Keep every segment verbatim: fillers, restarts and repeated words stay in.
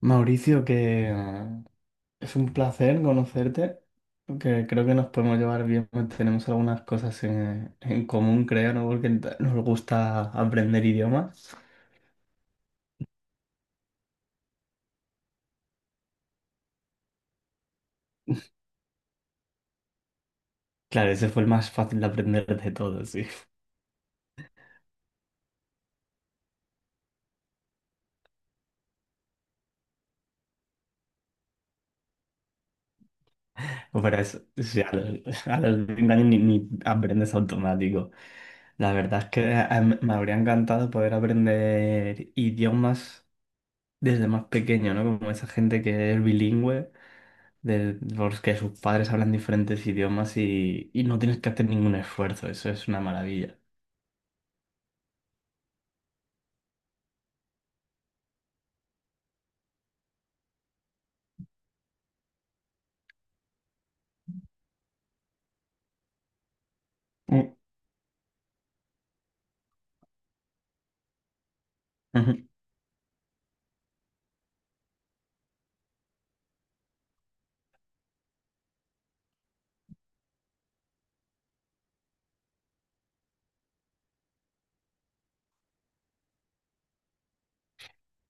Mauricio, que eh, es un placer conocerte, que creo que nos podemos llevar bien, pues tenemos algunas cosas en, en común, creo, ¿no? Porque nos gusta aprender idiomas. Claro, ese fue el más fácil de aprender de todos, sí. Pero es, sí, a los, a los veinte años ni, ni aprendes automático. La verdad es que eh, em, me habría encantado poder aprender idiomas desde más pequeño, ¿no? Como esa gente que es bilingüe de, los que sus padres hablan diferentes idiomas y, y no tienes que hacer ningún esfuerzo, eso es una maravilla. Mm. Ujú.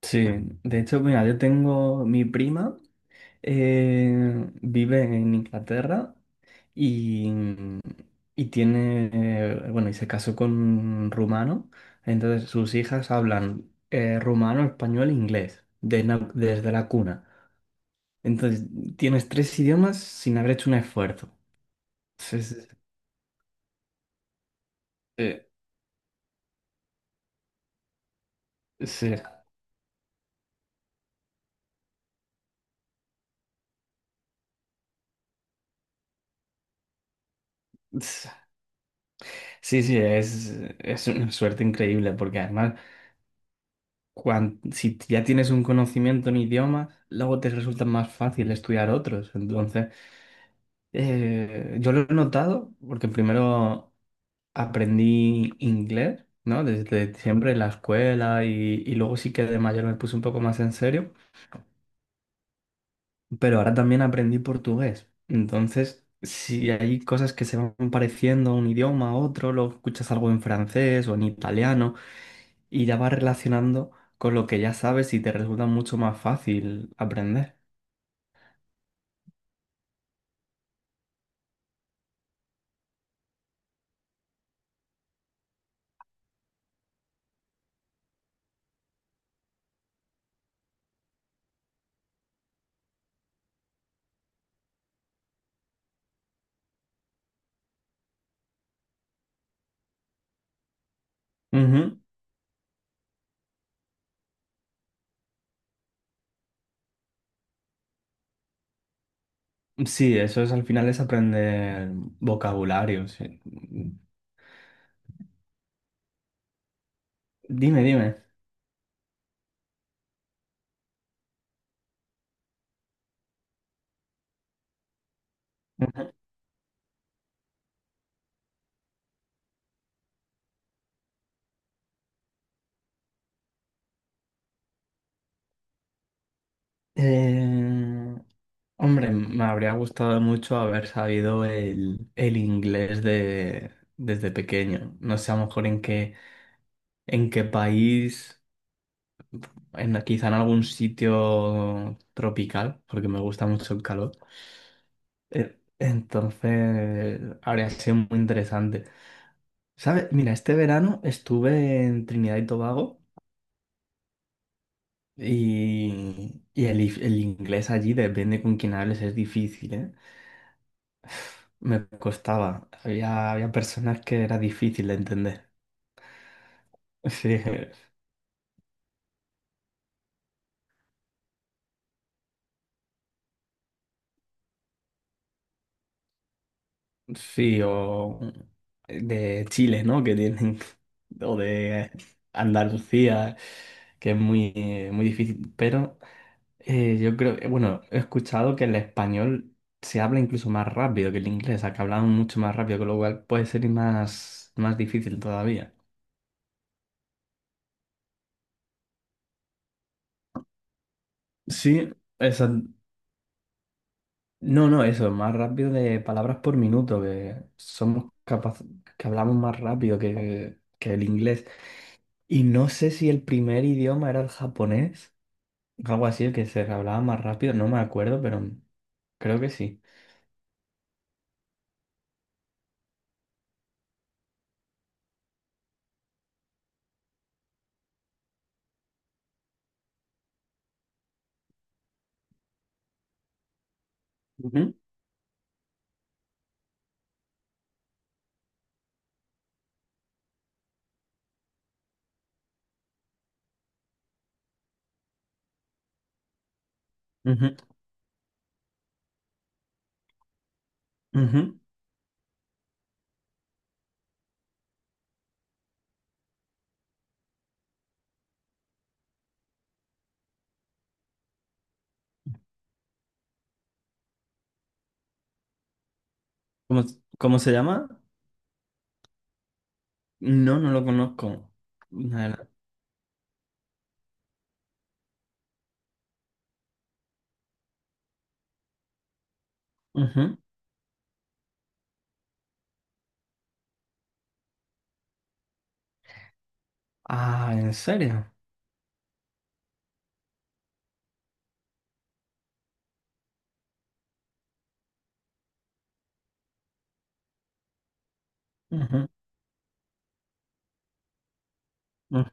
Sí, de hecho, mira, yo tengo mi prima, eh, vive en Inglaterra y, y tiene, eh, bueno, y se casó con un rumano, entonces sus hijas hablan eh, rumano, español e inglés de na- desde la cuna. Entonces, tienes tres idiomas sin haber hecho un esfuerzo. Sí, sí, sí. Sí, sí. Sí, sí, es, es una suerte increíble porque además cuan- si ya tienes un conocimiento en idioma, luego te resulta más fácil estudiar otros. Entonces, eh, yo lo he notado porque primero aprendí inglés, ¿no? Desde siempre en la escuela y, y luego sí que de mayor me puse un poco más en serio, pero ahora también aprendí portugués. Entonces, si hay cosas que se van pareciendo a un idioma a otro, lo escuchas algo en francés o en italiano, y ya vas relacionando con lo que ya sabes y te resulta mucho más fácil aprender. Ujú. Sí, eso es, al final es aprender vocabulario. Sí. Dime, dime. Eh, hombre, me habría gustado mucho haber sabido el, el inglés de, desde pequeño. No sé, a lo mejor en qué, en qué país, en, quizá en algún sitio tropical, porque me gusta mucho el calor. Eh, Entonces, habría sido muy interesante. ¿Sabes? Mira, este verano estuve en Trinidad y Tobago y, y el, if- el inglés allí, depende con quién hables, es difícil, ¿eh? Me costaba. Había, había personas que era difícil de entender. Sí, sí, o de Chile, ¿no? Que tienen, o de Andalucía, que es muy, muy difícil. Pero Eh, yo creo, eh, bueno, he escuchado que el español se habla incluso más rápido que el inglés, o sea, que hablamos mucho más rápido, con lo cual puede ser más, más difícil todavía. Sí, esa- no, no, eso, más rápido de palabras por minuto, que somos capaces, que hablamos más rápido que, que el inglés. Y no sé si el primer idioma era el japonés, algo así, que se hablaba más rápido, no me acuerdo, pero creo que sí. Ujú, ujú, ujú. ¿Cómo, cómo se llama? No, no lo conozco. La verdad. Ujú. Ah, ¿en serio? Ujú, ujú.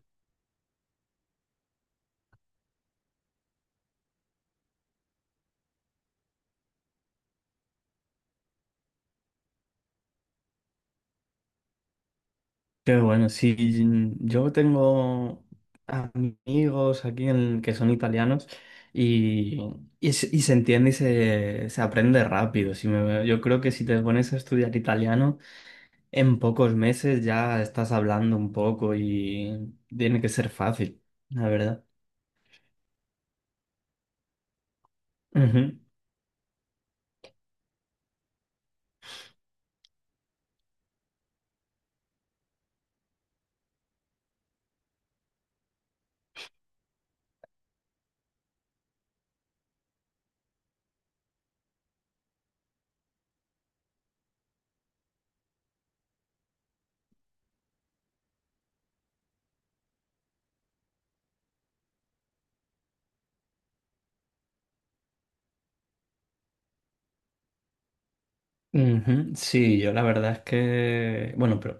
Qué bueno, sí, mm, yo tengo amigos aquí en, que son italianos y, y, se y se entiende y se, se aprende rápido. Si me- yo creo que si te pones a estudiar italiano, en pocos meses ya estás hablando un poco y tiene que ser fácil, la verdad. Ujú, ujú. Sí, yo la verdad es que, bueno, pero...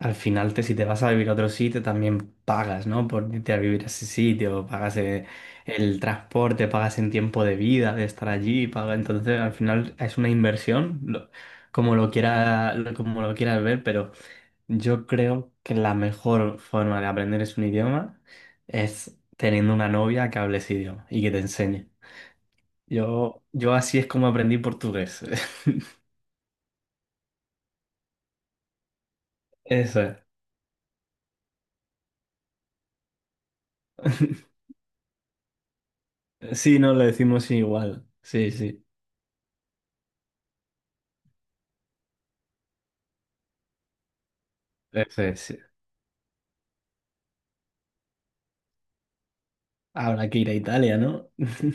Al final, te, si te vas a vivir a otro sitio, también pagas, ¿no? Por irte a vivir a ese sitio, pagas eh, el transporte, pagas en tiempo de vida, de estar allí, pagas. Entonces, al final es una inversión, lo- como lo quiera, lo- como lo quieras ver, pero yo creo que la mejor forma de aprender es un idioma es teniendo una novia que hable ese idioma y que te enseñe. Yo, yo así es como aprendí portugués. Eso es. Sí, no, lo decimos igual. Sí, sí. Eso es. Sí. Habrá que ir a Italia, ¿no?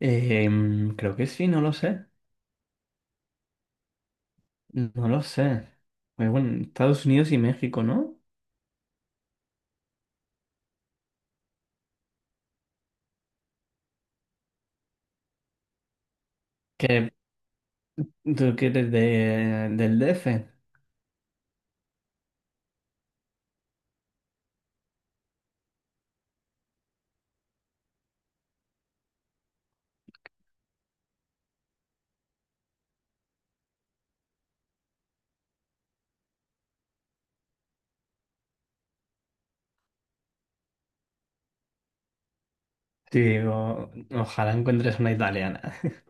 Em, creo que sí, no lo sé. No lo sé. Muy bueno, Estados Unidos y México, ¿no? Que tú quieres de, del D F. Sí, digo, ojalá encuentres una italiana.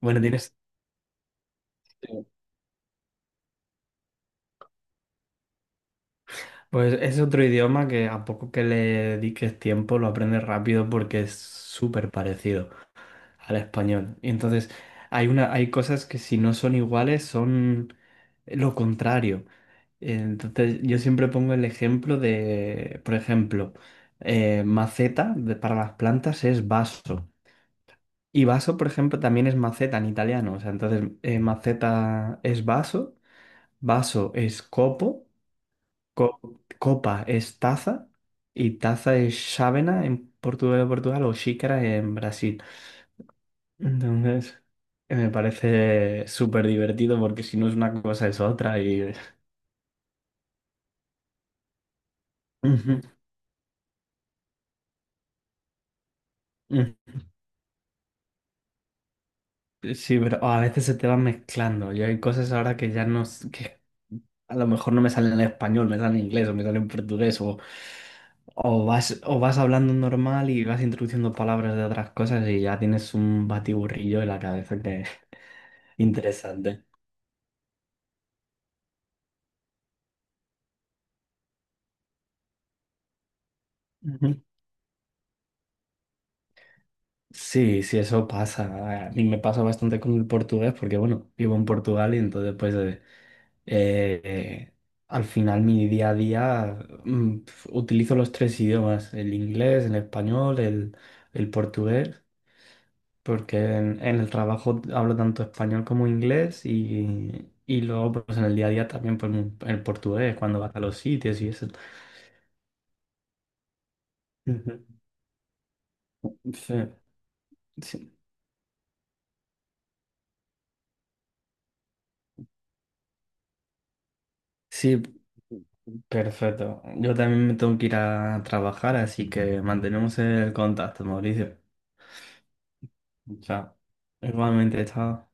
Bueno, tienes. Pues es otro idioma que a poco que le dediques tiempo lo aprendes rápido porque es súper parecido al español. Y entonces hay una, hay cosas que si no son iguales son lo contrario. Entonces yo siempre pongo el ejemplo de, por ejemplo, eh, maceta de- para las plantas es vaso. Y vaso, por ejemplo, también es maceta en italiano. O sea, entonces eh, maceta es vaso, vaso es copo, co- copa es taza y taza es chávena en Portugal, Portugal o xícara en Brasil. Entonces, eh, me parece súper divertido porque si no es una cosa es otra y... Ujú, ujú. Sí, pero oh, a veces se te van mezclando. Yo hay cosas ahora que ya no... s- que a lo mejor no me salen en español, me salen en inglés o me salen en portugués o, o vas, o vas hablando normal y vas introduciendo palabras de otras cosas y ya tienes un batiburrillo en la cabeza que interesante. Ujú. Sí, sí, eso pasa. A mí me pasa bastante con el portugués porque, bueno, vivo en Portugal y entonces pues eh, eh, al final mi día a día, mm, pf, utilizo los tres idiomas, el inglés, el español, el, el portugués, porque en, en el trabajo hablo tanto español como inglés y, y luego pues en el día a día también pues, mm, el portugués cuando vas a los sitios y eso. Ujú. Sí, sí, sí, perfecto. Yo también me tengo que ir a trabajar, así que mantenemos el contacto, Mauricio. Chao. Igualmente, chao.